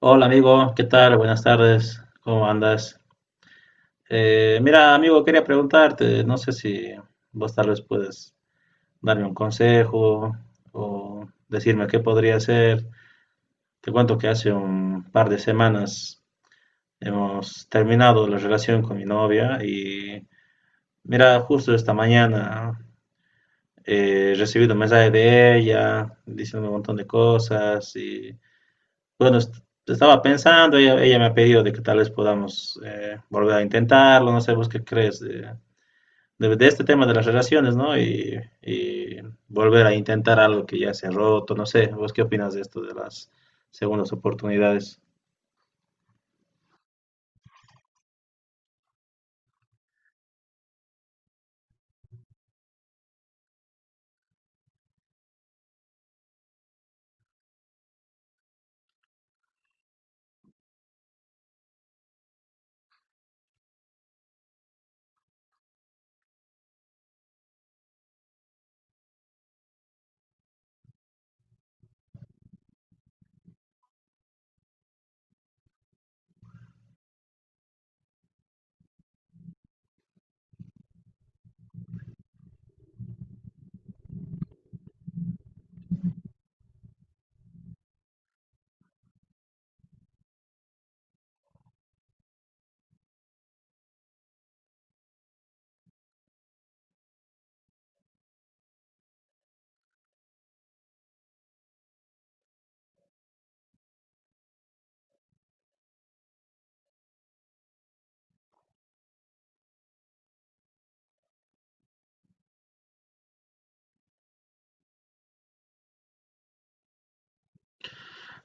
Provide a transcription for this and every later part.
Hola amigo, ¿qué tal? Buenas tardes, ¿cómo andas? Mira amigo, quería preguntarte, no sé si vos tal vez puedes darme un consejo o decirme qué podría hacer. Te cuento que hace un par de semanas hemos terminado la relación con mi novia y mira, justo esta mañana he recibido un mensaje de ella diciendo un montón de cosas y bueno, estaba pensando, ella me ha pedido de que tal vez podamos volver a intentarlo, no sé vos qué crees de este tema de las relaciones, ¿no? Y volver a intentar algo que ya se ha roto, no sé, vos qué opinas de esto de las segundas oportunidades.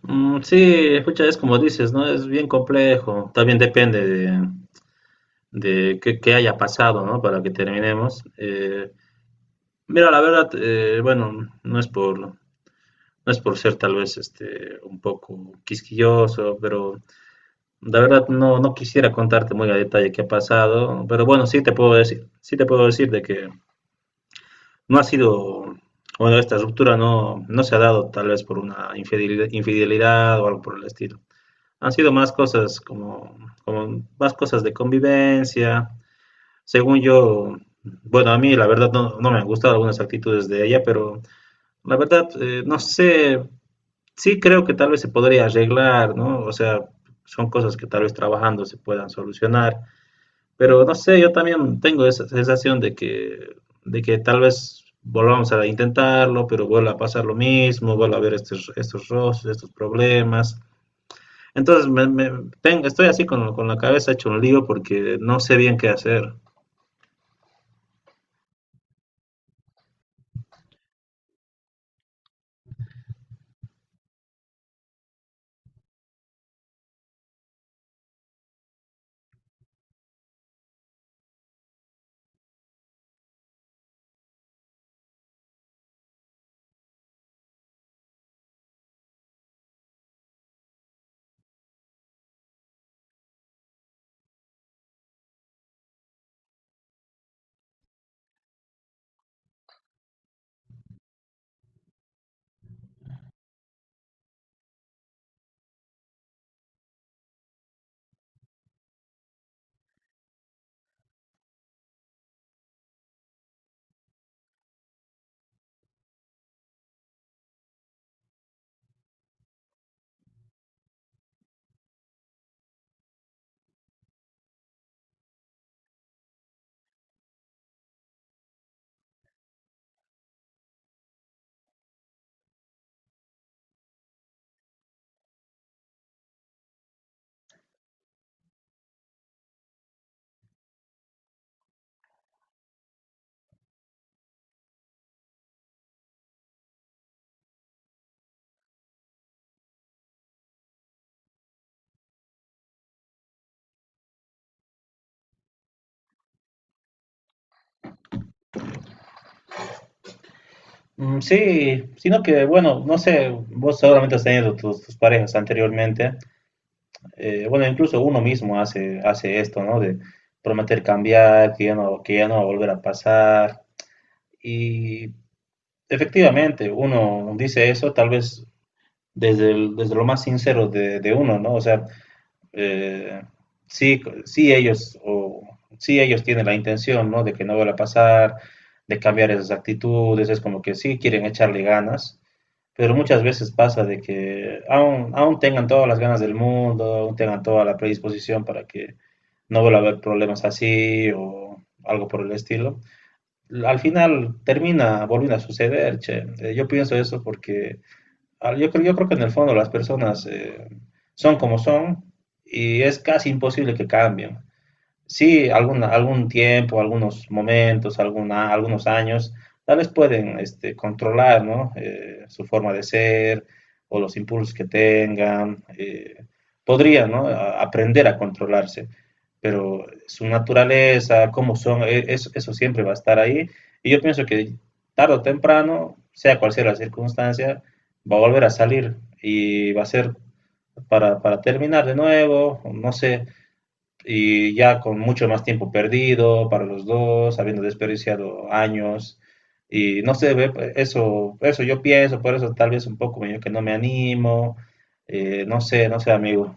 Mm, sí, escucha, es como dices, ¿no? Es bien complejo, también depende de qué haya pasado, ¿no? Para que terminemos. Mira, la verdad, bueno, no es por... No es por ser tal vez este, un poco quisquilloso, pero la verdad no quisiera contarte muy a detalle qué ha pasado, pero bueno, sí te puedo decir de que no ha sido, bueno, esta ruptura no se ha dado tal vez por una infidelidad o algo por el estilo. Han sido más cosas como, como más cosas de convivencia. Según yo, bueno, a mí la verdad no me han gustado algunas actitudes de ella, pero la verdad no sé, sí, creo que tal vez se podría arreglar, ¿no? O sea, son cosas que tal vez trabajando se puedan solucionar, pero no sé, yo también tengo esa sensación de que tal vez volvamos a intentarlo, pero vuelva a pasar lo mismo, vuelva a haber estos roces, estos problemas. Entonces, estoy así con la cabeza hecho un lío porque no sé bien qué hacer. Mm, sí, sino que, bueno, no sé, vos seguramente has tenido tus parejas anteriormente. Bueno, incluso uno mismo hace esto, ¿no? De prometer cambiar, que ya no va a volver a pasar. Y efectivamente, uno dice eso tal vez desde lo más sincero de uno, ¿no? O sea, eh, sí, sí ellos, o, sí ellos tienen la intención, ¿no? De que no vuelva a pasar, de cambiar esas actitudes, es como que sí quieren echarle ganas, pero muchas veces pasa de que aún tengan todas las ganas del mundo, aún tengan toda la predisposición para que no vuelva a haber problemas así o algo por el estilo. Al final termina volviendo a suceder, che. Yo pienso eso porque yo creo que en el fondo las personas son como son y es casi imposible que cambien. Sí, algún, algún tiempo, algunos momentos, alguna, algunos años, tal vez pueden este, controlar, ¿no? Su forma de ser o los impulsos que tengan. Podrían, ¿no? Aprender a controlarse, pero su naturaleza, cómo son, eso, eso siempre va a estar ahí. Y yo pienso que tarde o temprano, sea cual sea la circunstancia, va a volver a salir y va a ser para terminar de nuevo, no sé, y ya con mucho más tiempo perdido para los dos, habiendo desperdiciado años. Y no sé, ve, eso yo pienso, por eso tal vez un poco medio que no me animo, no sé, amigo.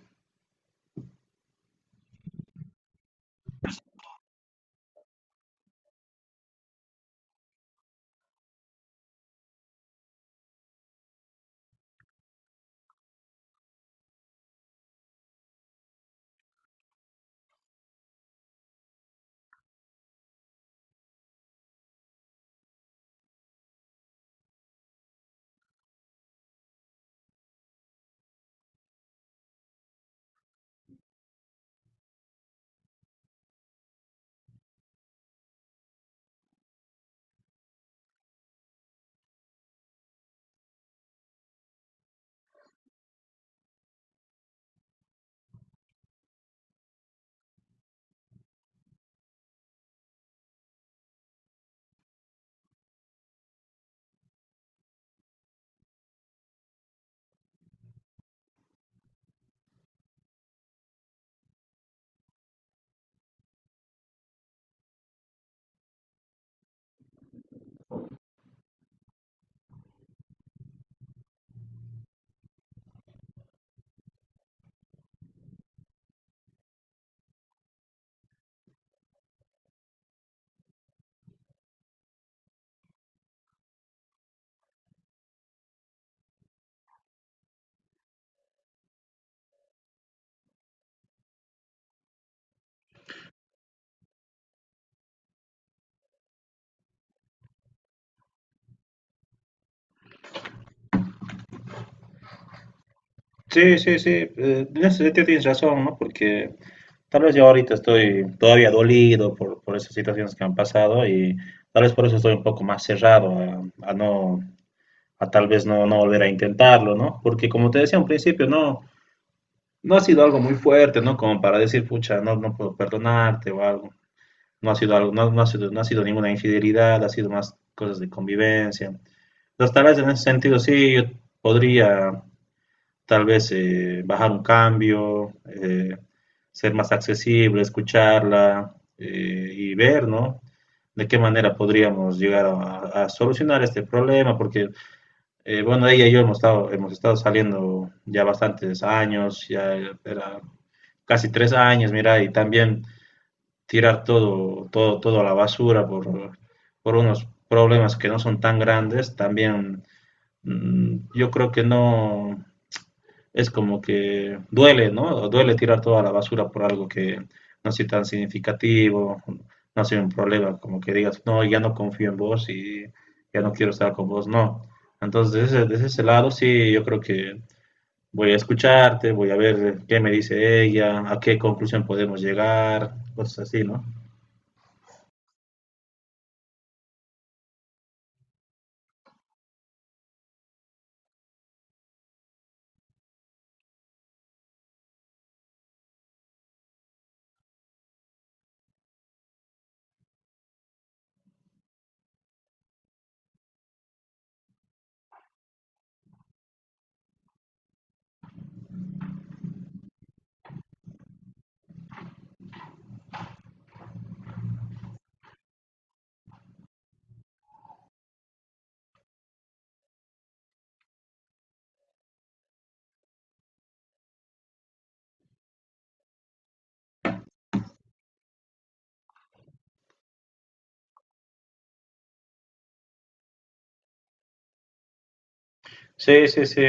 Sí, sí, sí, en ese sentido tienes razón, ¿no? Porque tal vez yo ahorita estoy todavía dolido por esas situaciones que han pasado y tal vez por eso estoy un poco más cerrado a tal vez no volver a intentarlo, ¿no? Porque como te decía al principio, no, no ha sido algo muy fuerte, ¿no? Como para decir, pucha, no puedo perdonarte o algo. No ha sido algo, no ha sido ninguna infidelidad, ha sido más cosas de convivencia. Entonces, tal vez en ese sentido sí, yo podría tal vez bajar un cambio, ser más accesible, escucharla y ver, ¿no? De qué manera podríamos llegar a solucionar este problema, porque, bueno, ella y yo hemos estado saliendo ya bastantes años, ya era casi 3 años, mira, y también tirar todo a la basura por unos problemas que no son tan grandes, también mmm, yo creo que no, es como que duele, ¿no? Duele tirar toda la basura por algo que no sea tan significativo, no sea un problema, como que digas, no, ya no confío en vos y ya no quiero estar con vos, no. Entonces, desde ese lado, sí, yo creo que voy a escucharte, voy a ver qué me dice ella, a qué conclusión podemos llegar, cosas así, ¿no? Sí, sí, sí.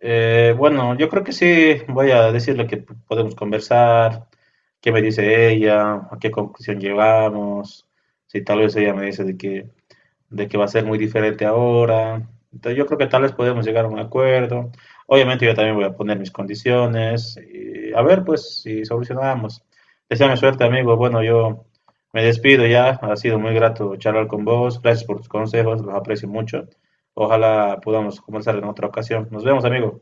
Bueno, yo creo que sí, voy a decirle que podemos conversar, qué me dice ella, a qué conclusión llegamos, si tal vez ella me dice de que va a ser muy diferente ahora. Entonces yo creo que tal vez podemos llegar a un acuerdo. Obviamente yo también voy a poner mis condiciones y a ver pues si solucionamos. Deseame suerte amigo. Bueno, yo me despido ya. Ha sido muy grato charlar con vos. Gracias por tus consejos, los aprecio mucho. Ojalá podamos conversar en otra ocasión. Nos vemos amigo.